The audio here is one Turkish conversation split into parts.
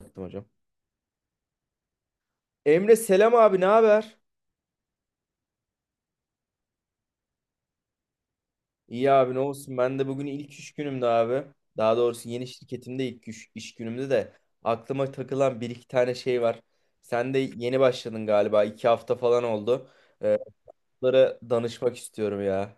Yaptım hocam. Emre, selam abi, ne haber? İyi abi, ne olsun, ben de bugün ilk iş günümde abi. Daha doğrusu yeni şirketimde ilk iş günümde de aklıma takılan bir iki tane şey var. Sen de yeni başladın galiba, iki hafta falan oldu. Ee, Bunlara danışmak istiyorum ya.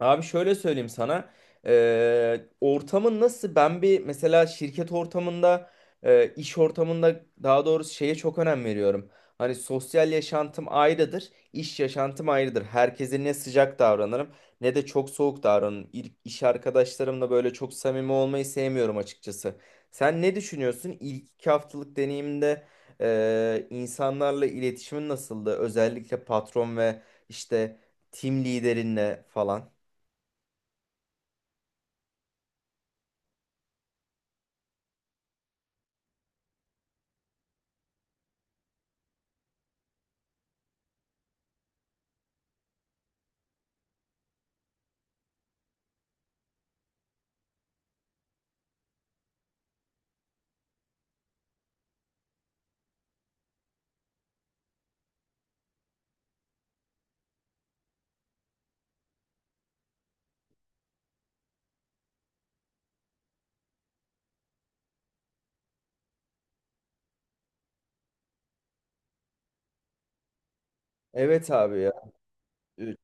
Abi şöyle söyleyeyim sana. Ortamın nasıl? Ben bir mesela şirket ortamında, iş ortamında daha doğrusu şeye çok önem veriyorum. Hani sosyal yaşantım ayrıdır, iş yaşantım ayrıdır. Herkese ne sıcak davranırım ne de çok soğuk davranırım. İş arkadaşlarımla böyle çok samimi olmayı sevmiyorum açıkçası. Sen ne düşünüyorsun? İlk iki haftalık deneyimde insanlarla iletişimin nasıldı? Özellikle patron ve işte... Team liderinle falan. Evet abi ya. 2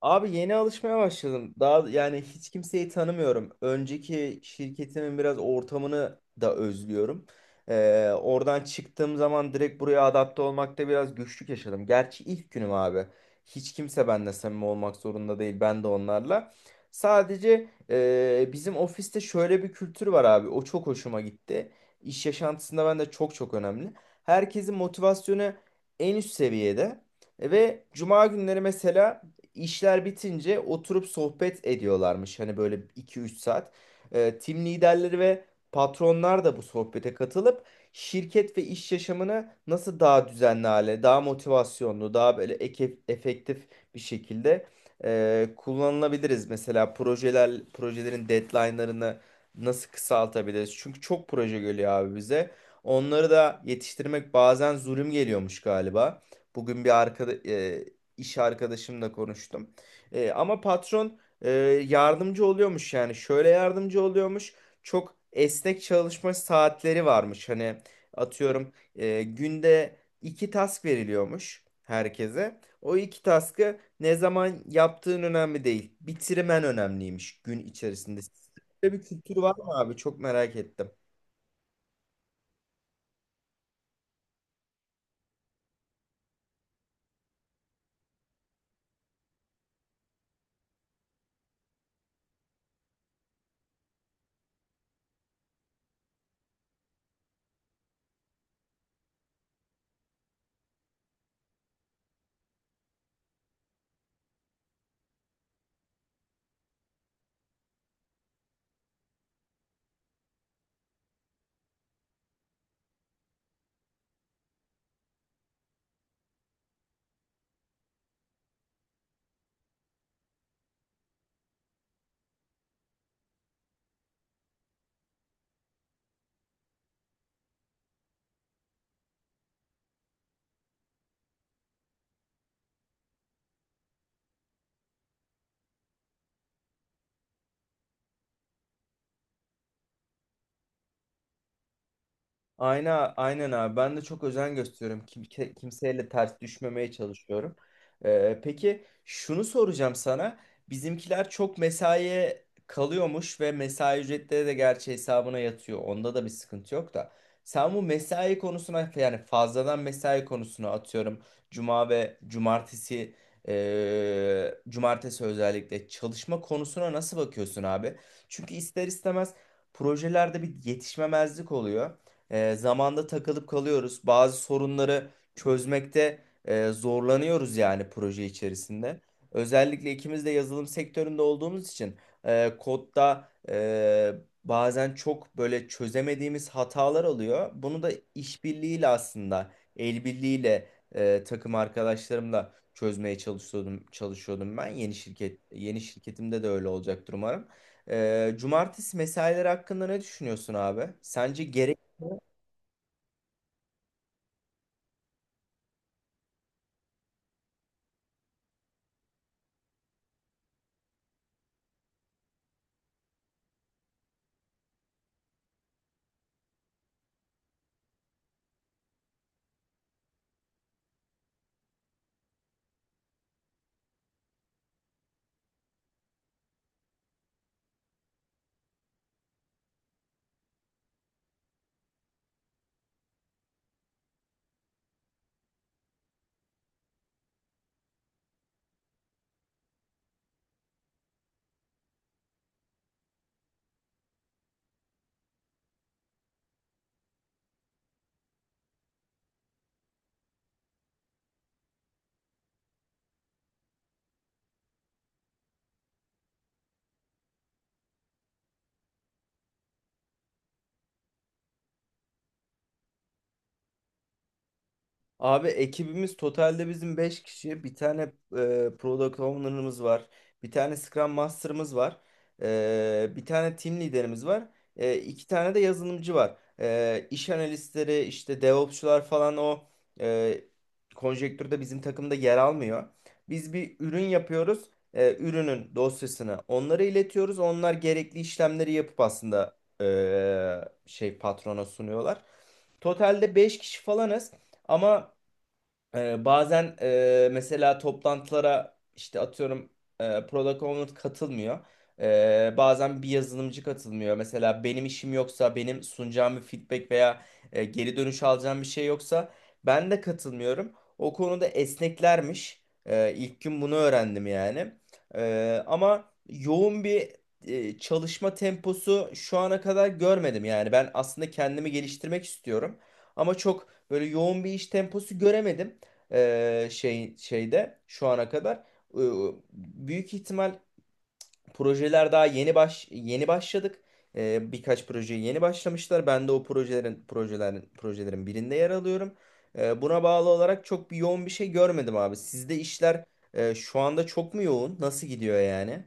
Abi, yeni alışmaya başladım. Daha yani hiç kimseyi tanımıyorum. Önceki şirketimin biraz ortamını da özlüyorum. Oradan çıktığım zaman direkt buraya adapte olmakta biraz güçlük yaşadım. Gerçi ilk günüm abi. Hiç kimse benimle samimi olmak zorunda değil. Ben de onlarla. Sadece bizim ofiste şöyle bir kültür var abi. O çok hoşuma gitti. İş yaşantısında ben de çok çok önemli. Herkesin motivasyonu en üst seviyede. Ve cuma günleri mesela İşler bitince oturup sohbet ediyorlarmış. Hani böyle iki üç saat. Tim liderleri ve patronlar da bu sohbete katılıp şirket ve iş yaşamını nasıl daha düzenli hale, daha motivasyonlu, daha böyle efektif bir şekilde kullanılabiliriz. Mesela projeler, projelerin deadline'larını nasıl kısaltabiliriz? Çünkü çok proje geliyor abi bize. Onları da yetiştirmek bazen zulüm geliyormuş galiba. Bugün bir iş arkadaşımla konuştum. Ama patron yardımcı oluyormuş, yani şöyle yardımcı oluyormuş. Çok esnek çalışma saatleri varmış. Hani atıyorum günde iki task veriliyormuş herkese. O iki task'ı ne zaman yaptığın önemli değil. Bitirmen önemliymiş gün içerisinde. Böyle bir kültür var mı abi? Çok merak ettim. Aynen, aynen abi. Ben de çok özen gösteriyorum. Kimseyle ters düşmemeye çalışıyorum. Peki şunu soracağım sana. Bizimkiler çok mesaiye kalıyormuş ve mesai ücretleri de gerçi hesabına yatıyor. Onda da bir sıkıntı yok da. Sen bu mesai konusuna, yani fazladan mesai konusuna, atıyorum. Cuma ve cumartesi özellikle çalışma konusuna nasıl bakıyorsun abi? Çünkü ister istemez projelerde bir yetişmemezlik oluyor, zamanda takılıp kalıyoruz. Bazı sorunları çözmekte zorlanıyoruz yani proje içerisinde. Özellikle ikimiz de yazılım sektöründe olduğumuz için kodda bazen çok böyle çözemediğimiz hatalar oluyor. Bunu da işbirliğiyle, aslında el birliğiyle, takım arkadaşlarımla çözmeye çalışıyordum ben. Yeni şirketimde de öyle olacaktır umarım. Cumartesi mesaileri hakkında ne düşünüyorsun abi? Sence abi, ekibimiz totalde bizim 5 kişi. Bir tane product owner'ımız var. Bir tane Scrum Master'ımız var. Bir tane team liderimiz var. İki tane de yazılımcı var. İş analistleri, işte DevOps'çular falan o e, konjektürde bizim takımda yer almıyor. Biz bir ürün yapıyoruz. Ürünün dosyasını onlara iletiyoruz. Onlar gerekli işlemleri yapıp aslında şey, patrona sunuyorlar. Totalde 5 kişi falanız. Ama bazen mesela toplantılara işte atıyorum product owner katılmıyor. Bazen bir yazılımcı katılmıyor. Mesela benim işim yoksa, benim sunacağım bir feedback veya geri dönüş alacağım bir şey yoksa ben de katılmıyorum. O konuda esneklermiş. İlk gün bunu öğrendim yani. Ama yoğun bir çalışma temposu şu ana kadar görmedim yani. Ben aslında kendimi geliştirmek istiyorum. Ama çok böyle yoğun bir iş temposu göremedim şeyde şu ana kadar. E, Büyük ihtimal projeler daha yeni başladık. Birkaç projeye yeni başlamışlar. Ben de o projelerin birinde yer alıyorum. Buna bağlı olarak çok bir yoğun bir şey görmedim abi. Sizde işler şu anda çok mu yoğun? Nasıl gidiyor yani?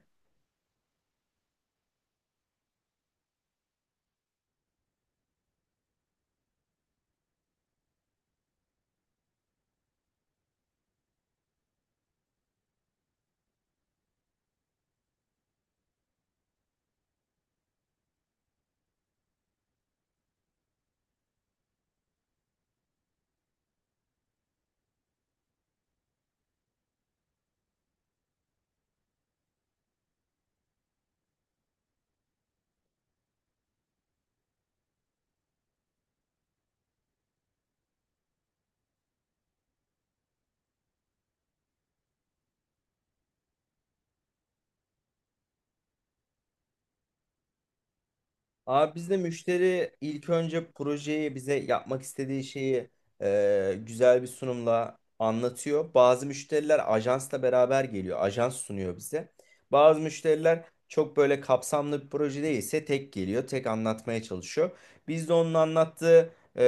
Abi, bizde müşteri ilk önce projeyi, bize yapmak istediği şeyi, güzel bir sunumla anlatıyor. Bazı müşteriler ajansla beraber geliyor. Ajans sunuyor bize. Bazı müşteriler çok böyle kapsamlı bir proje değilse tek geliyor, tek anlatmaya çalışıyor. Biz de onun anlattığı e,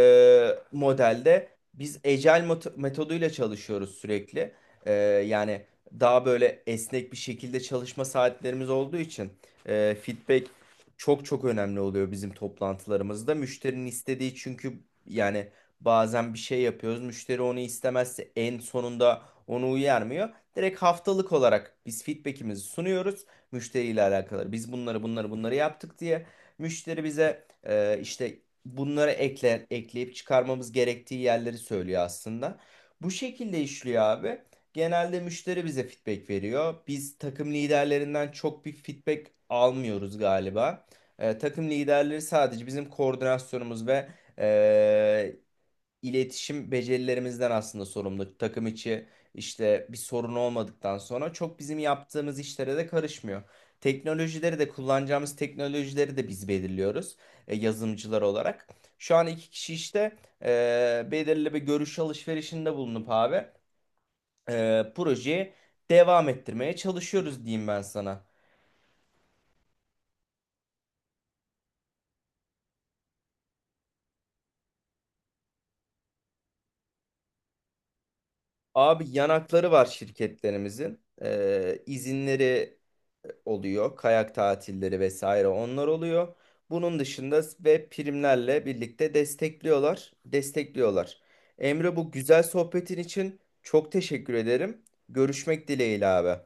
modelde, biz Agile metoduyla çalışıyoruz sürekli. E, yani daha böyle esnek bir şekilde çalışma saatlerimiz olduğu için feedback çok çok önemli oluyor bizim toplantılarımızda. Müşterinin istediği, çünkü yani bazen bir şey yapıyoruz, müşteri onu istemezse en sonunda onu uyarmıyor. Direkt haftalık olarak biz feedback'imizi sunuyoruz müşteriyle alakalı. Biz bunları yaptık diye müşteri bize işte bunları ekle, ekleyip çıkarmamız gerektiği yerleri söylüyor aslında. Bu şekilde işliyor abi. Genelde müşteri bize feedback veriyor. Biz takım liderlerinden çok bir feedback almıyoruz galiba. Takım liderleri sadece bizim koordinasyonumuz ve e, iletişim becerilerimizden aslında sorumlu. Takım içi işte bir sorun olmadıktan sonra çok bizim yaptığımız işlere de karışmıyor. Teknolojileri de, kullanacağımız teknolojileri de biz belirliyoruz yazılımcılar olarak. Şu an iki kişi işte belirli bir görüş alışverişinde bulunup abi projeyi devam ettirmeye çalışıyoruz diyeyim ben sana. Abi yanakları var şirketlerimizin. İzinleri oluyor. Kayak tatilleri vesaire onlar oluyor. Bunun dışında ve primlerle birlikte destekliyorlar. Destekliyorlar. Emre, bu güzel sohbetin için çok teşekkür ederim. Görüşmek dileğiyle abi.